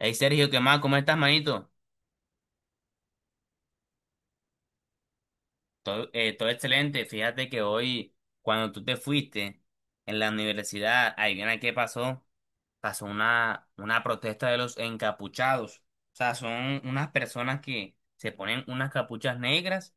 Hey Sergio, ¿qué más? ¿Cómo estás, manito? Todo, todo excelente. Fíjate que hoy, cuando tú te fuiste en la universidad, adivina qué pasó. Pasó una protesta de los encapuchados. O sea, son unas personas que se ponen unas capuchas negras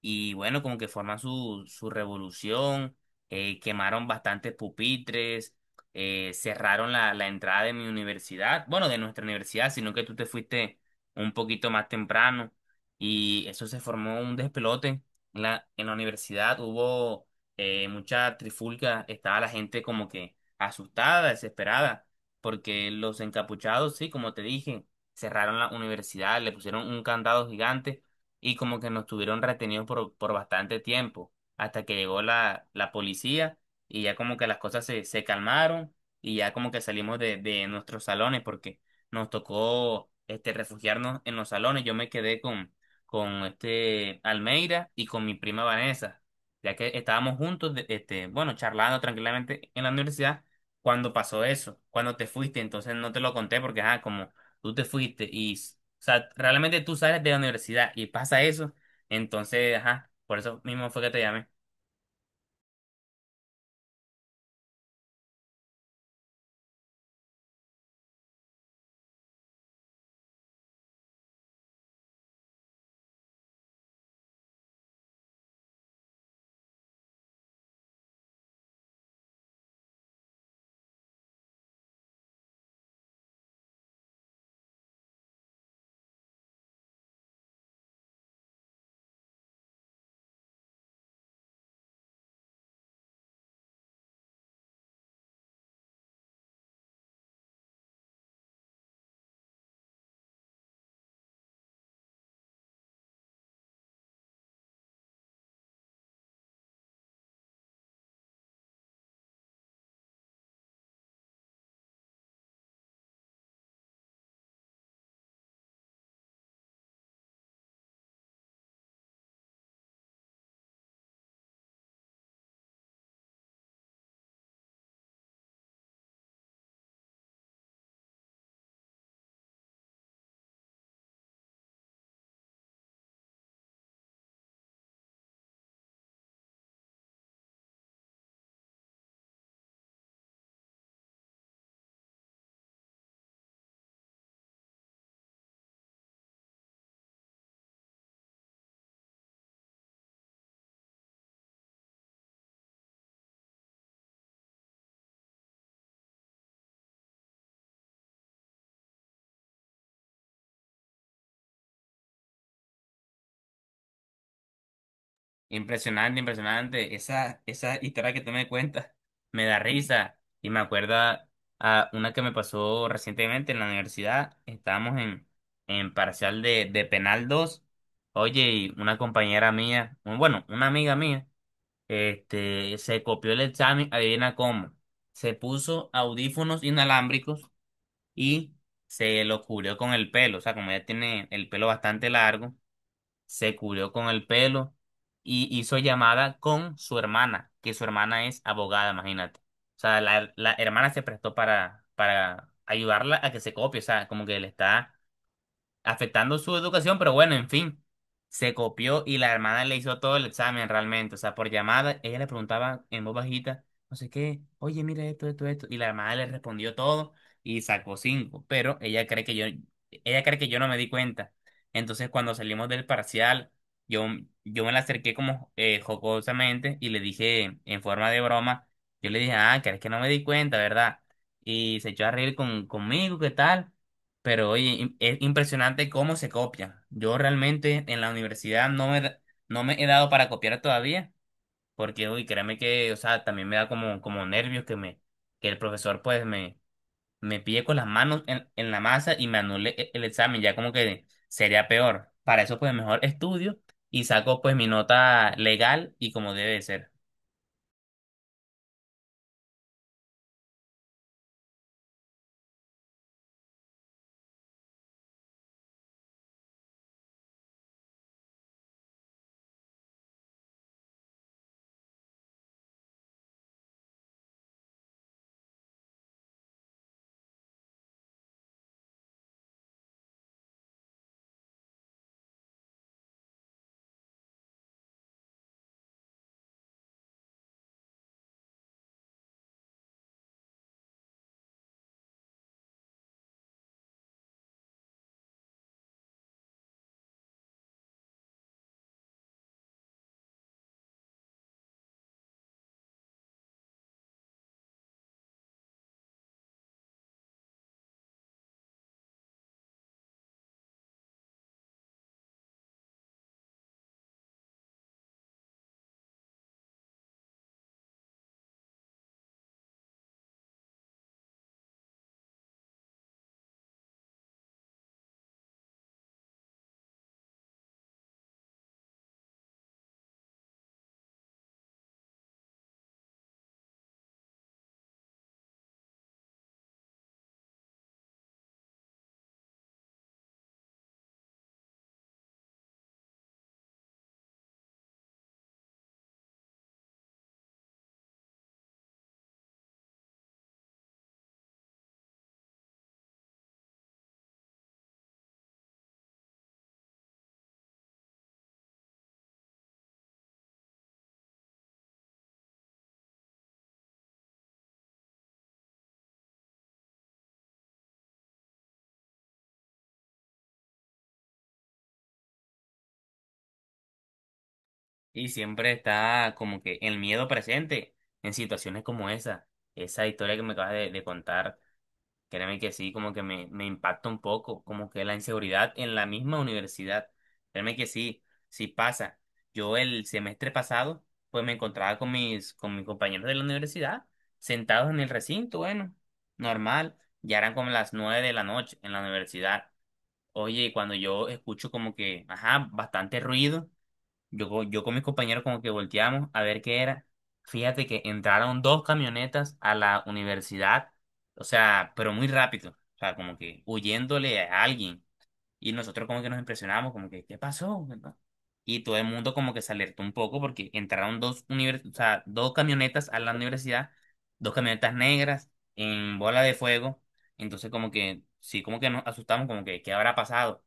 y bueno, como que forman su revolución, quemaron bastantes pupitres, cerraron la entrada de mi universidad, bueno, de nuestra universidad, sino que tú te fuiste un poquito más temprano y eso se formó un despelote. En la universidad hubo mucha trifulca, estaba la gente como que asustada, desesperada, porque los encapuchados, sí, como te dije, cerraron la universidad, le pusieron un candado gigante y como que nos tuvieron retenidos por bastante tiempo, hasta que llegó la policía y ya como que las cosas se calmaron y ya como que salimos de nuestros salones porque nos tocó este, refugiarnos en los salones. Yo me quedé con este Almeida y con mi prima Vanessa, ya que estábamos juntos, este, bueno, charlando tranquilamente en la universidad. Cuando pasó eso, cuando te fuiste, entonces no te lo conté porque, ah, tú te fuiste y, o sea, realmente tú sales de la universidad y pasa eso, entonces, ajá, por eso mismo fue que te llamé. Impresionante, impresionante, esa historia que tú me cuentas me da risa y me acuerda a una que me pasó recientemente en la universidad, estábamos en parcial de penal 2. Oye, y una compañera mía, bueno, una amiga mía, este, se copió el examen, adivina cómo, se puso audífonos inalámbricos, y se lo cubrió con el pelo. O sea, como ella tiene el pelo bastante largo, se cubrió con el pelo y hizo llamada con su hermana, que su hermana es abogada, imagínate. O sea, la hermana se prestó para ayudarla a que se copie, o sea, como que le está afectando su educación, pero bueno, en fin, se copió y la hermana le hizo todo el examen realmente, o sea, por llamada, ella le preguntaba en voz bajita, no sé qué, oye, mira esto, esto, esto, y la hermana le respondió todo y sacó cinco, pero ella cree que yo, ella cree que yo no me di cuenta. Entonces, cuando salimos del parcial, yo, yo me la acerqué como jocosamente y le dije en forma de broma, yo le dije, ah, crees que no me di cuenta, ¿verdad? Y se echó a reír conmigo, ¿qué tal? Pero oye, es impresionante cómo se copian. Yo realmente en la universidad no me, no me he dado para copiar todavía, porque uy, créeme que, o sea, también me da como, como nervios que me, que el profesor pues me pille con las manos en la masa y me anule el examen, ya como que sería peor. Para eso pues mejor estudio y saco pues mi nota legal y como debe de ser. Y siempre está como que el miedo presente en situaciones como esa historia que me acabas de contar. Créeme que sí, como que me impacta un poco, como que la inseguridad en la misma universidad. Créeme que sí, sí pasa. Yo el semestre pasado, pues me encontraba con mis compañeros de la universidad, sentados en el recinto, bueno, normal, ya eran como las nueve de la noche en la universidad. Oye, y cuando yo escucho como que, ajá, bastante ruido, yo, yo con mis compañeros como que volteamos a ver qué era. Fíjate que entraron dos camionetas a la universidad, o sea, pero muy rápido, o sea, como que huyéndole a alguien. Y nosotros como que nos impresionamos, como que, ¿qué pasó, verdad? Y todo el mundo como que se alertó un poco porque entraron o sea, dos camionetas a la universidad, dos camionetas negras en bola de fuego. Entonces como que, sí, como que nos asustamos, como que, ¿qué habrá pasado?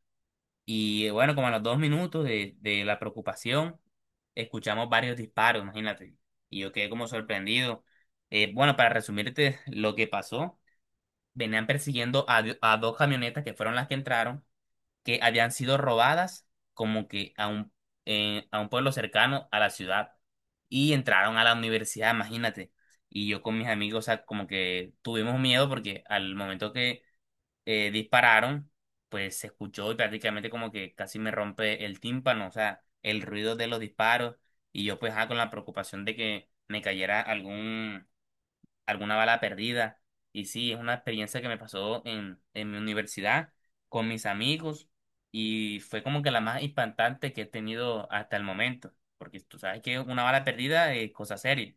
Y bueno, como a los dos minutos de la preocupación, escuchamos varios disparos, imagínate. Y yo quedé como sorprendido. Bueno, para resumirte lo que pasó, venían persiguiendo a, a dos camionetas que fueron las que entraron, que habían sido robadas como que a un pueblo cercano a la ciudad. Y entraron a la universidad, imagínate. Y yo con mis amigos, o sea, como que tuvimos miedo porque al momento dispararon, pues se escuchó y prácticamente como que casi me rompe el tímpano, o sea, el ruido de los disparos y yo pues ah, con la preocupación de que me cayera algún, alguna bala perdida. Y sí, es una experiencia que me pasó en mi universidad con mis amigos y fue como que la más impactante que he tenido hasta el momento, porque tú sabes que una bala perdida es cosa seria.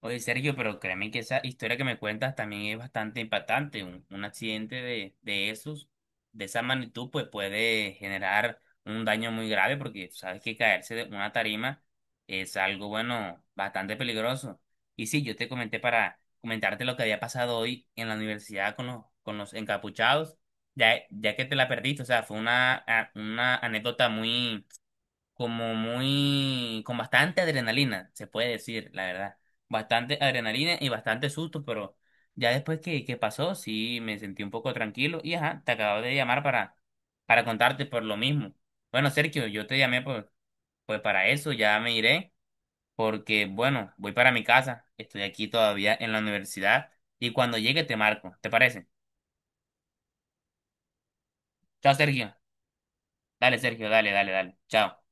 Oye, Sergio, pero créeme que esa historia que me cuentas también es bastante impactante. Un accidente de esos, de esa magnitud, pues puede generar un daño muy grave porque sabes que caerse de una tarima es algo, bueno, bastante peligroso. Y sí, yo te comenté para comentarte lo que había pasado hoy en la universidad con los encapuchados, ya, ya que te la perdiste. O sea, fue una, una anécdota muy como muy, con bastante adrenalina, se puede decir, la verdad. Bastante adrenalina y bastante susto, pero ya después que pasó, sí me sentí un poco tranquilo y ajá, te acabo de llamar para contarte por lo mismo. Bueno, Sergio, yo te llamé por, pues para eso, ya me iré, porque bueno, voy para mi casa, estoy aquí todavía en la universidad y cuando llegue te marco, ¿te parece? Chao, Sergio. Dale, Sergio, dale, dale, dale. Chao.